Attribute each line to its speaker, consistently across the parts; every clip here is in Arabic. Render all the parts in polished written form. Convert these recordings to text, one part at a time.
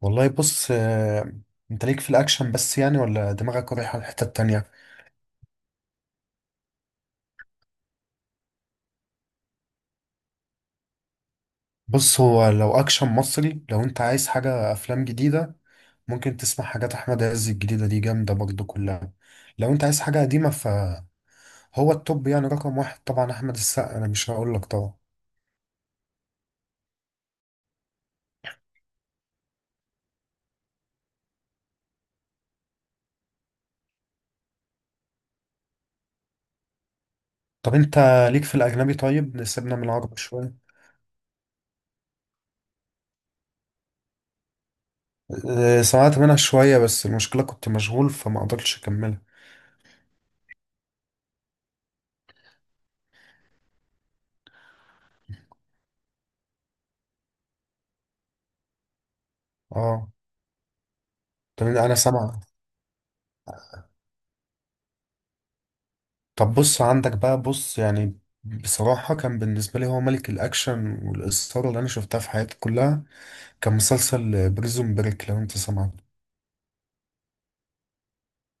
Speaker 1: والله بص آه، انت ليك في الاكشن بس يعني ولا دماغك رايحه الحته التانية؟ بص، هو لو اكشن مصري، لو انت عايز حاجه افلام جديده، ممكن تسمع حاجات احمد عز الجديده دي، جامده برضه كلها. لو انت عايز حاجه قديمه فهو التوب يعني، رقم واحد طبعا احمد السقا، انا مش هقول لك طبعا. طب انت ليك في الاجنبي؟ طيب نسيبنا من العربي شويه. آه، سمعت منها شويه بس المشكله كنت مشغول فما قدرتش اكملها. اه، طب انا سامع. طب بص، عندك بقى، بص يعني، بصراحة كان بالنسبة لي هو ملك الأكشن والإثارة اللي أنا شفتها في حياتي كلها. كان مسلسل بريزون بريك، لو أنت سمعت.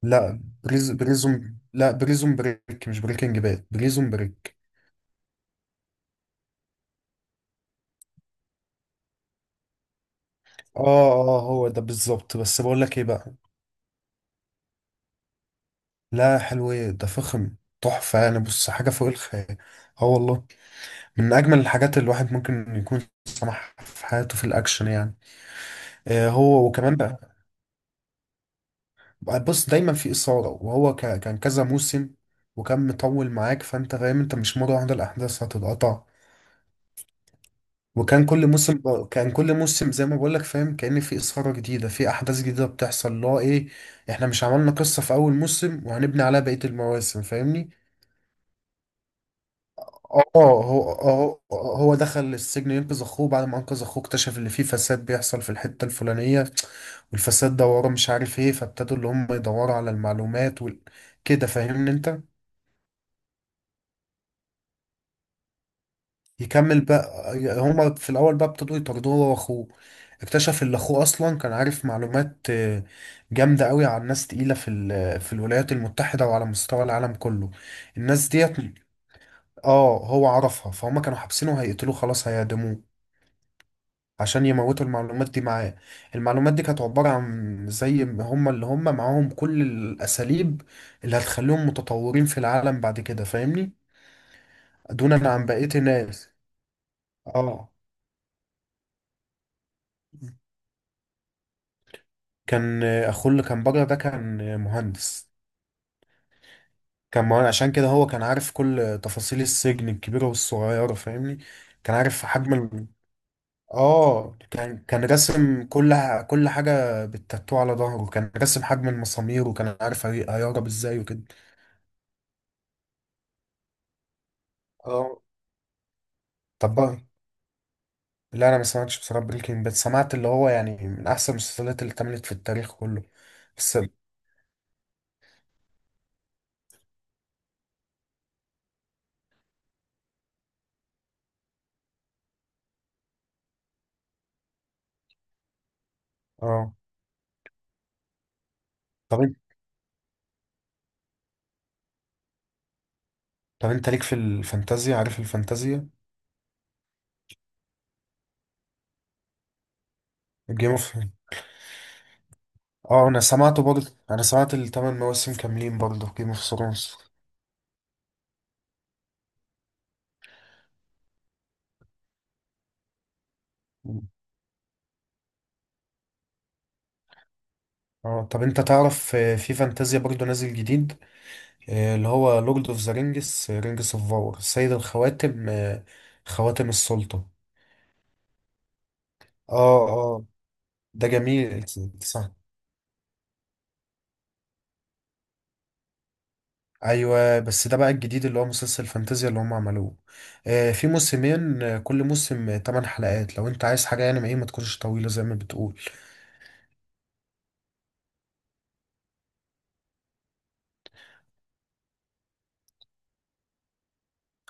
Speaker 1: لا بريزون، لا بريزون بريك، مش بريكنج باد، بريزون بريك. آه آه، هو ده بالظبط، بس بقول لك إيه بقى. لا، حلو إيه ده، فخم، تحفة يعني. بص، حاجة فوق الخيال. آه والله. من أجمل الحاجات اللي الواحد ممكن يكون سمعها في حياته في الأكشن يعني. آه، هو وكمان بقى، بص دايما في إثارة. وهو كان كذا موسم، وكان مطول معاك، فأنت فاهم أنت مش مرة واحدة الأحداث هتتقطع. وكان كل موسم كان كل موسم زي ما بقولك، فاهم، كأن في إثارة جديدة، في أحداث جديدة بتحصل، اللي هو إيه، إحنا مش عملنا قصة في أول موسم وهنبني عليها بقية المواسم، فاهمني؟ اه، هو دخل السجن ينقذ اخوه. بعد ما انقذ اخوه اكتشف ان في فساد بيحصل في الحتة الفلانية، والفساد ده وراه مش عارف ايه، فابتدوا اللي هم يدوروا على المعلومات كده، فاهمني انت. يكمل بقى. هما في الاول بقى ابتدوا يطاردوه هو واخوه، اكتشف ان اخوه اصلا كان عارف معلومات جامده قوي عن ناس تقيله في الولايات المتحده وعلى مستوى العالم كله. الناس ديت، اه، هو عرفها، فهم كانوا حابسينه، هيقتلوه، خلاص هيعدموه عشان يموتوا المعلومات دي معاه. المعلومات دي كانت عبارة عن زي ما هم اللي هم معاهم كل الأساليب اللي هتخليهم متطورين في العالم بعد كده، فاهمني. دونا عن بقية الناس. اه. كان اخوه اللي كان بره ده كان مهندس. كان مهندس عشان كده هو كان عارف كل تفاصيل السجن الكبيرة والصغيرة، فاهمني. كان عارف حجم ال... اه، كان راسم كل حاجة بالتاتو على ظهره، كان راسم حجم المسامير، وكان عارف هيهرب ازاي وكده. اه، طب بقى. لا، انا ما سمعتش بصراحة بريكنج باد، سمعت اللي هو يعني من احسن المسلسلات اللي اتعملت في التاريخ كله، بس. اه، طب انت. طب انت ليك في الفانتازيا؟ عارف الفانتازيا. جيم اوف. اه، انا سمعته برضه، انا سمعت الثمان مواسم كاملين برضه في جيم اوف ثرونز. اه، طب انت تعرف في فانتازيا برضه نازل جديد؟ اللي هو لورد اوف ذا رينجز، رينجز اوف باور، سيد الخواتم، خواتم السلطة. اه اه، ده جميل. صح. ايوه، بس ده بقى الجديد اللي هو مسلسل فانتازيا اللي هم عملوه. آه، في موسمين، كل موسم 8 حلقات، لو انت عايز حاجة يعني ما ايه ما تكونش طويلة زي ما بتقول.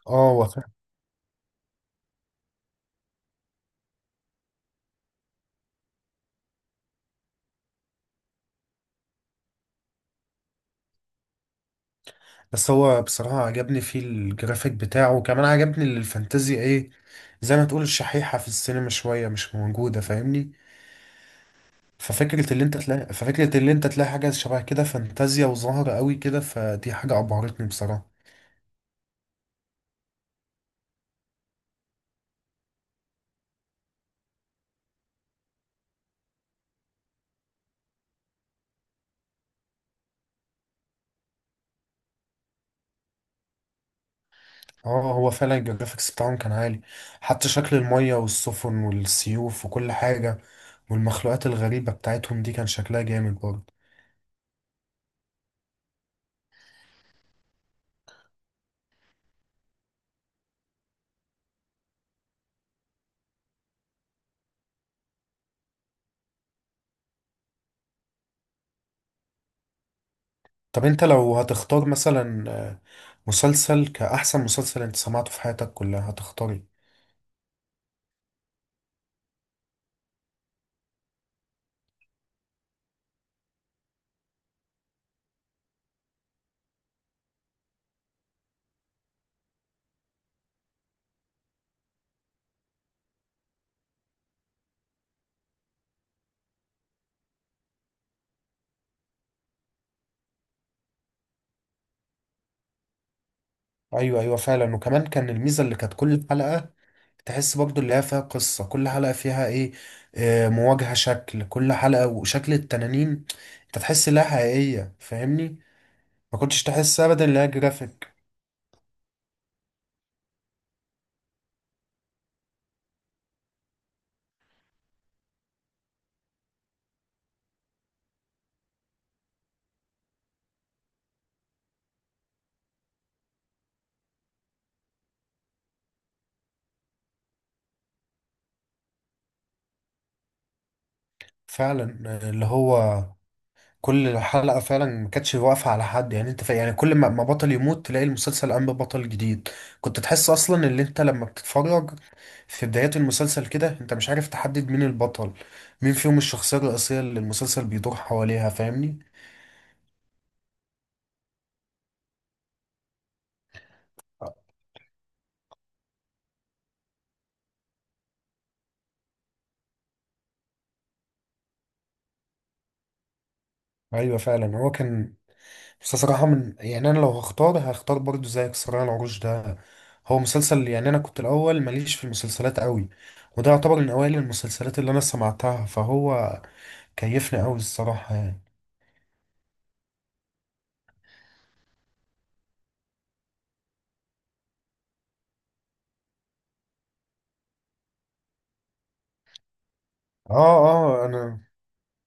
Speaker 1: اه، بس هو بصراحة عجبني فيه الجرافيك بتاعه، وكمان عجبني اللي الفانتازي، ايه، زي ما تقول الشحيحة في السينما شوية مش موجودة، فاهمني. ففكرة اللي انت تلاقي حاجة شبه كده فانتازيا وظاهرة قوي كده، فدي حاجة أبهرتني بصراحة. اه، هو فعلا الجرافيكس بتاعهم كان عالي، حتى شكل المية والسفن والسيوف وكل حاجة، والمخلوقات الغريبة بتاعتهم دي كان شكلها جامد برضه. طب انت لو هتختار مثلا مسلسل كأحسن مسلسل انت سمعته في حياتك كلها، هتختار ايه؟ ايوه ايوه، فعلا. وكمان كان الميزه اللي كانت كل حلقه تحس برضو اللي هي فيها قصه، كل حلقه فيها ايه، مواجهه، شكل كل حلقه وشكل التنانين، انت تحس انها حقيقيه، فاهمني. ما كنتش تحس ابدا ان هي جرافيك. فعلا، اللي هو كل حلقه فعلا ما كانتش واقفه على حد، يعني يعني كل ما بطل يموت تلاقي المسلسل قام ببطل جديد. كنت تحس اصلا ان انت لما بتتفرج في بدايات المسلسل كده انت مش عارف تحدد مين البطل، مين فيهم الشخصية الرئيسية اللي المسلسل بيدور حواليها، فاهمني. ايوه فعلا، هو كان. بس صراحة، يعني انا لو هختار برضو زيك صراع العروش ده. هو مسلسل يعني، انا كنت الاول ماليش في المسلسلات قوي، وده يعتبر من اوائل المسلسلات اللي انا سمعتها، فهو كيفني قوي الصراحة يعني. اه اه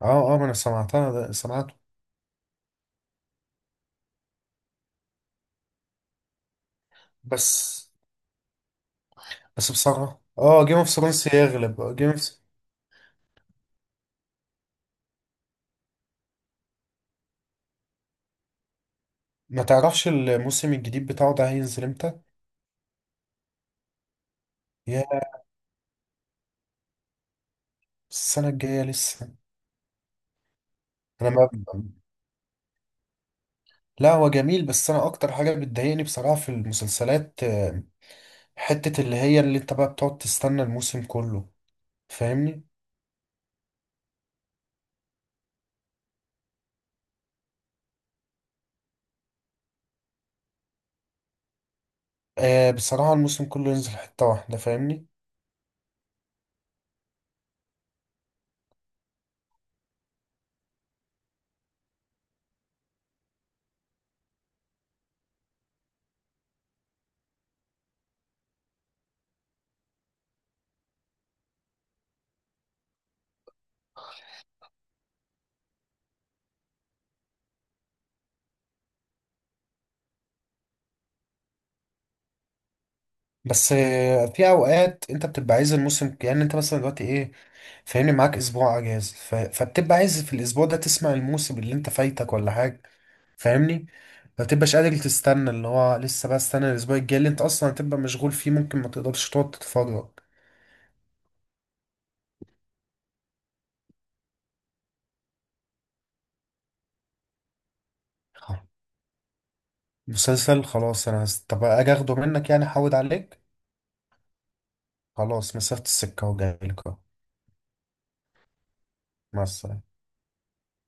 Speaker 1: اه اه، ما انا سمعتها، ده سمعته. بس بس بصراحة، جيم اوف ثرونز يغلب جيم اوف. ما تعرفش الموسم الجديد بتاعه ده هينزل امتى؟ يا، السنة الجاية لسه، انا ما... لا، هو جميل، بس انا اكتر حاجة بتضايقني بصراحة في المسلسلات حتة اللي هي اللي انت بقى بتقعد تستنى الموسم كله، فاهمني. آه، بصراحة الموسم كله ينزل حتة واحدة، فاهمني. بس في اوقات انت بتبقى عايز الموسم، يعني انت مثلا دلوقتي ايه، فاهمني، معاك اسبوع اجازة فبتبقى عايز في الاسبوع ده تسمع الموسم اللي انت فايتك ولا حاجة، فاهمني، ما تبقاش قادر تستنى، اللي هو لسه بقى استنى الاسبوع الجاي اللي انت اصلا هتبقى مشغول فيه ممكن ما تقدرش تقعد تتفرج. خلاص. مسلسل خلاص، انا طب اجي اخده منك يعني، احود عليك. خلاص، مسافة السكة وجايلك اهو. مع السلامة.